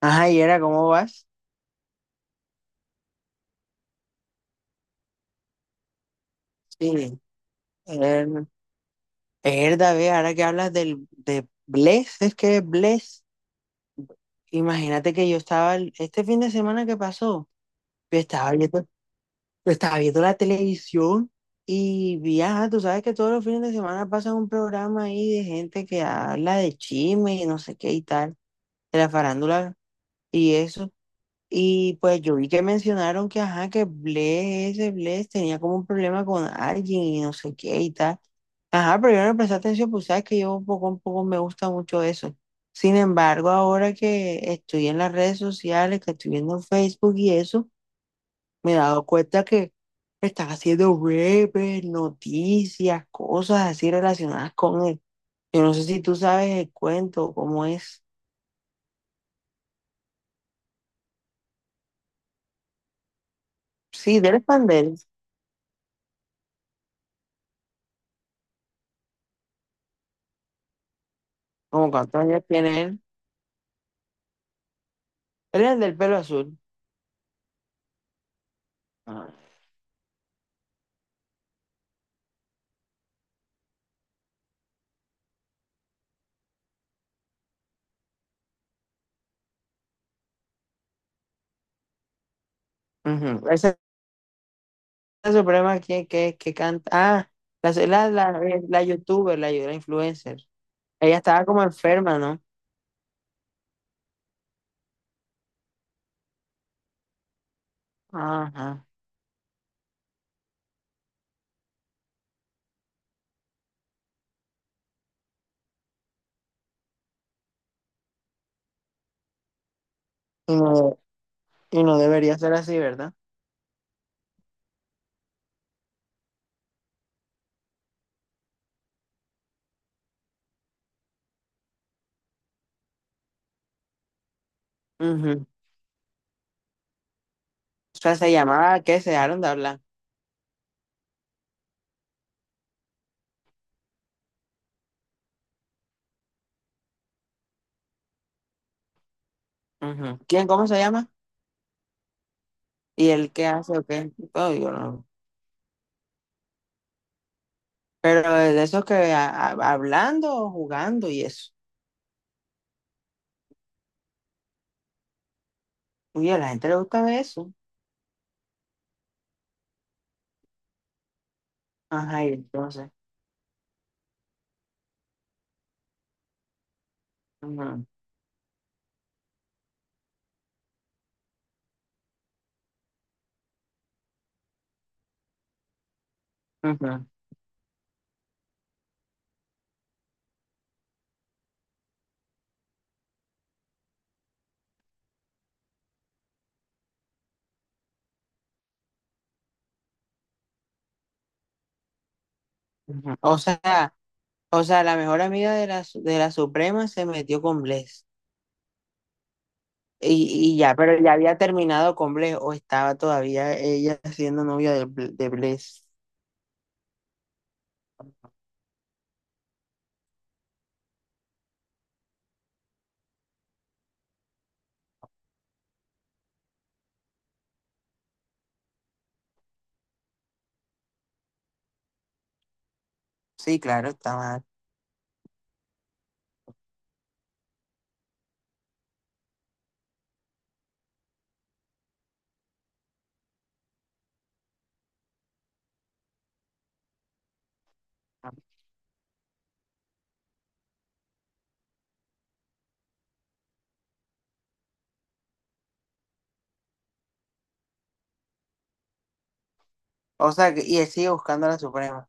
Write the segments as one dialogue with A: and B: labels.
A: Ajá, y era, ¿cómo vas? Sí. Eh, Erda, ve, ahora que hablas de Bless, es que Bless, imagínate que yo estaba, este fin de semana que pasó, yo estaba viendo, yo estaba viendo la televisión y vi, ajá, tú sabes que todos los fines de semana pasa un programa ahí de gente que habla de chisme y no sé qué y tal, de la farándula y eso. Y pues yo vi que mencionaron que, ajá, que Bless, ese Bless tenía como un problema con alguien y no sé qué y tal. Ajá, pero yo no le presté atención, pues sabes que yo poco, a poco me gusta mucho eso. Sin embargo, ahora que estoy en las redes sociales, que estoy viendo Facebook y eso, me he dado cuenta que están haciendo webs, noticias, cosas así relacionadas con él. Yo no sé si tú sabes el cuento, cómo es. Sí, del pandel, como cuántos años tiene él. Él es el del pelo azul. Ah. Ujú. Ese es el problema que canta. Ah, la, la youtuber, la influencer. Ella estaba como enferma, ¿no? Ajá. Y no, y no debería ser así, ¿verdad? Ujú. O sea, se llamaba ¿qué? Se dejaron de hablar. Ujú. ¿Quién, cómo se llama? ¿Y él qué hace o qué? Oh, yo no. Pero de esos que hablando o jugando y eso. Uy, a la gente le gusta ver eso. Ajá, y entonces. Ujú, ujú, ujú. O sea, la mejor amiga de de la Suprema se metió con Bless. Y ya, pero ya había terminado con Bless o estaba todavía ella siendo novia de, de Bless. Sí, claro, estaba. O sea, y él sigue buscando a la Suprema.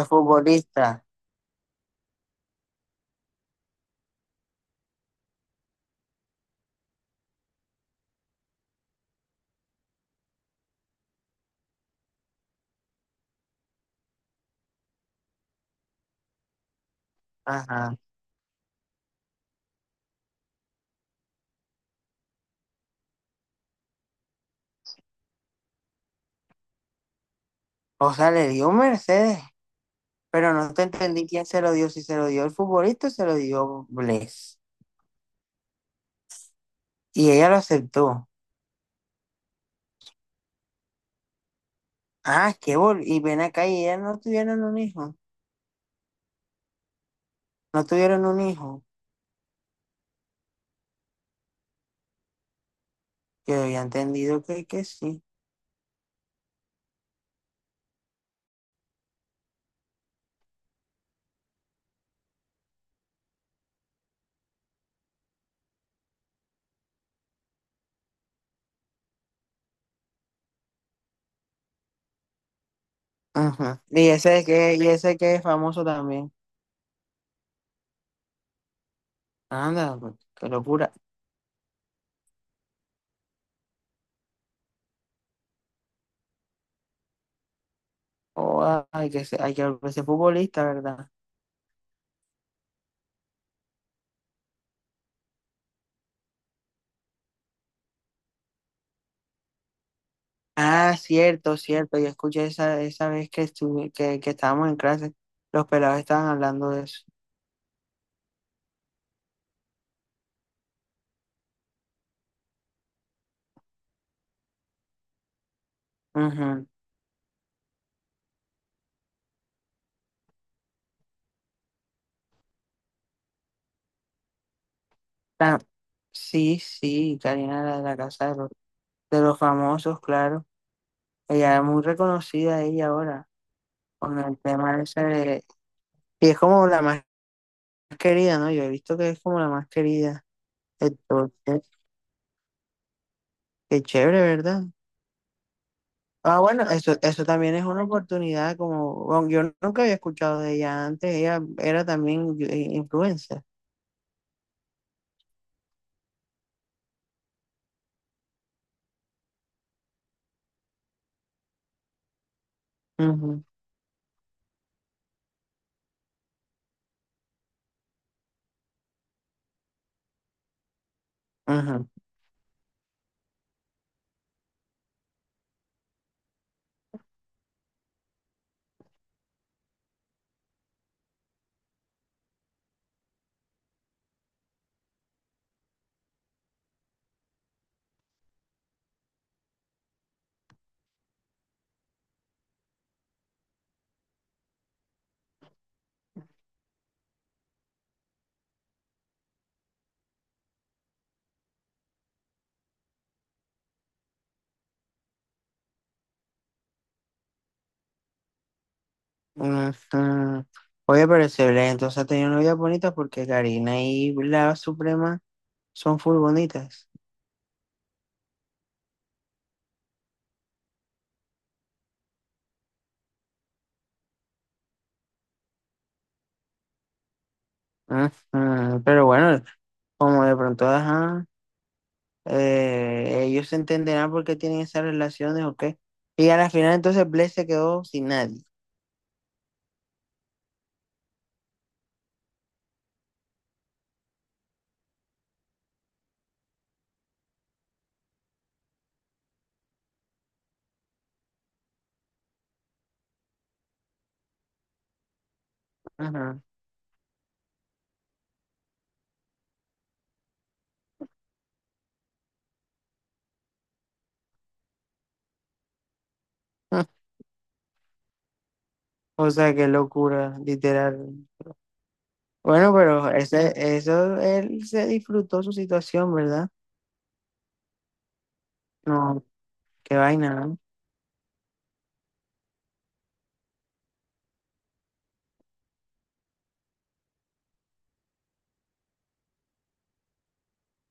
A: El futbolista. Ajá. O sea, le dio un Mercedes, pero no te entendí quién se lo dio, si se lo dio el futbolista o se lo dio Bless. Y ella lo aceptó. Ah, qué bol. Y ven acá y ellas no tuvieron un hijo. No tuvieron un hijo. Yo había entendido que sí. Ajá. Y ese que es famoso también. Anda, pues, qué locura. Oh, ah, hay que ser, hay que volverse futbolista, ¿verdad? Ah, cierto, cierto. Yo escuché esa, esa vez que, estuve, que estábamos en clase, los pelados estaban hablando de eso. Ujú. Ah, sí, sí, Karina la de la casa de los famosos, claro. Ella es muy reconocida ella ahora, con el tema ese de... Y es como la más querida, ¿no? Yo he visto que es como la más querida. Entonces, qué chévere, ¿verdad? Ah, bueno, eso también es una oportunidad, como bueno, yo nunca había escuchado de ella antes, ella era también influencer. Ujú, ujú, ujú. Oye, pero excelente, entonces ha tenido novias bonitas porque Karina y la Suprema son full bonitas. Ujú, pero bueno, como de pronto, ajá, ellos se entenderán por qué tienen esas relaciones o qué. Y a la final entonces Bless se quedó sin nadie. Ujú. O sea, qué locura, literal. Bueno, pero ese, eso, él se disfrutó su situación, ¿verdad? No, qué vaina, ¿no?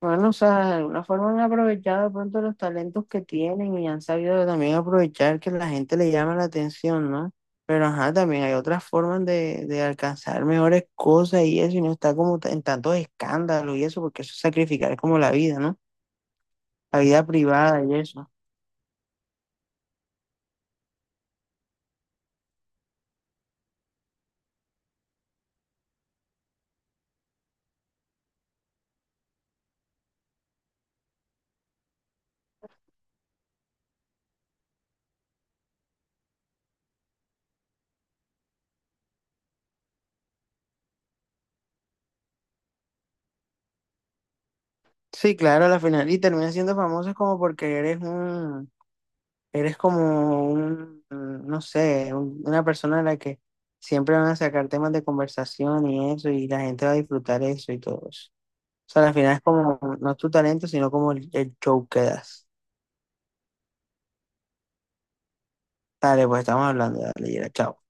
A: Bueno, o sea, de alguna forma han aprovechado de pronto los talentos que tienen y han sabido también aprovechar que la gente le llama la atención, ¿no? Pero ajá, también hay otras formas de alcanzar mejores cosas y eso, y no está como en tantos escándalos y eso, porque eso es sacrificar, es como la vida, ¿no? La vida privada y eso. Sí, claro, a la final, y termina siendo famoso como porque eres un. Eres como un, mm, no sé, una persona a la que siempre van a sacar temas de conversación y eso, y la gente va a disfrutar eso y todo eso. O sea, al final es como, no es tu talento, sino como el show que das. Dale, pues estamos hablando, dale, Yera, chao.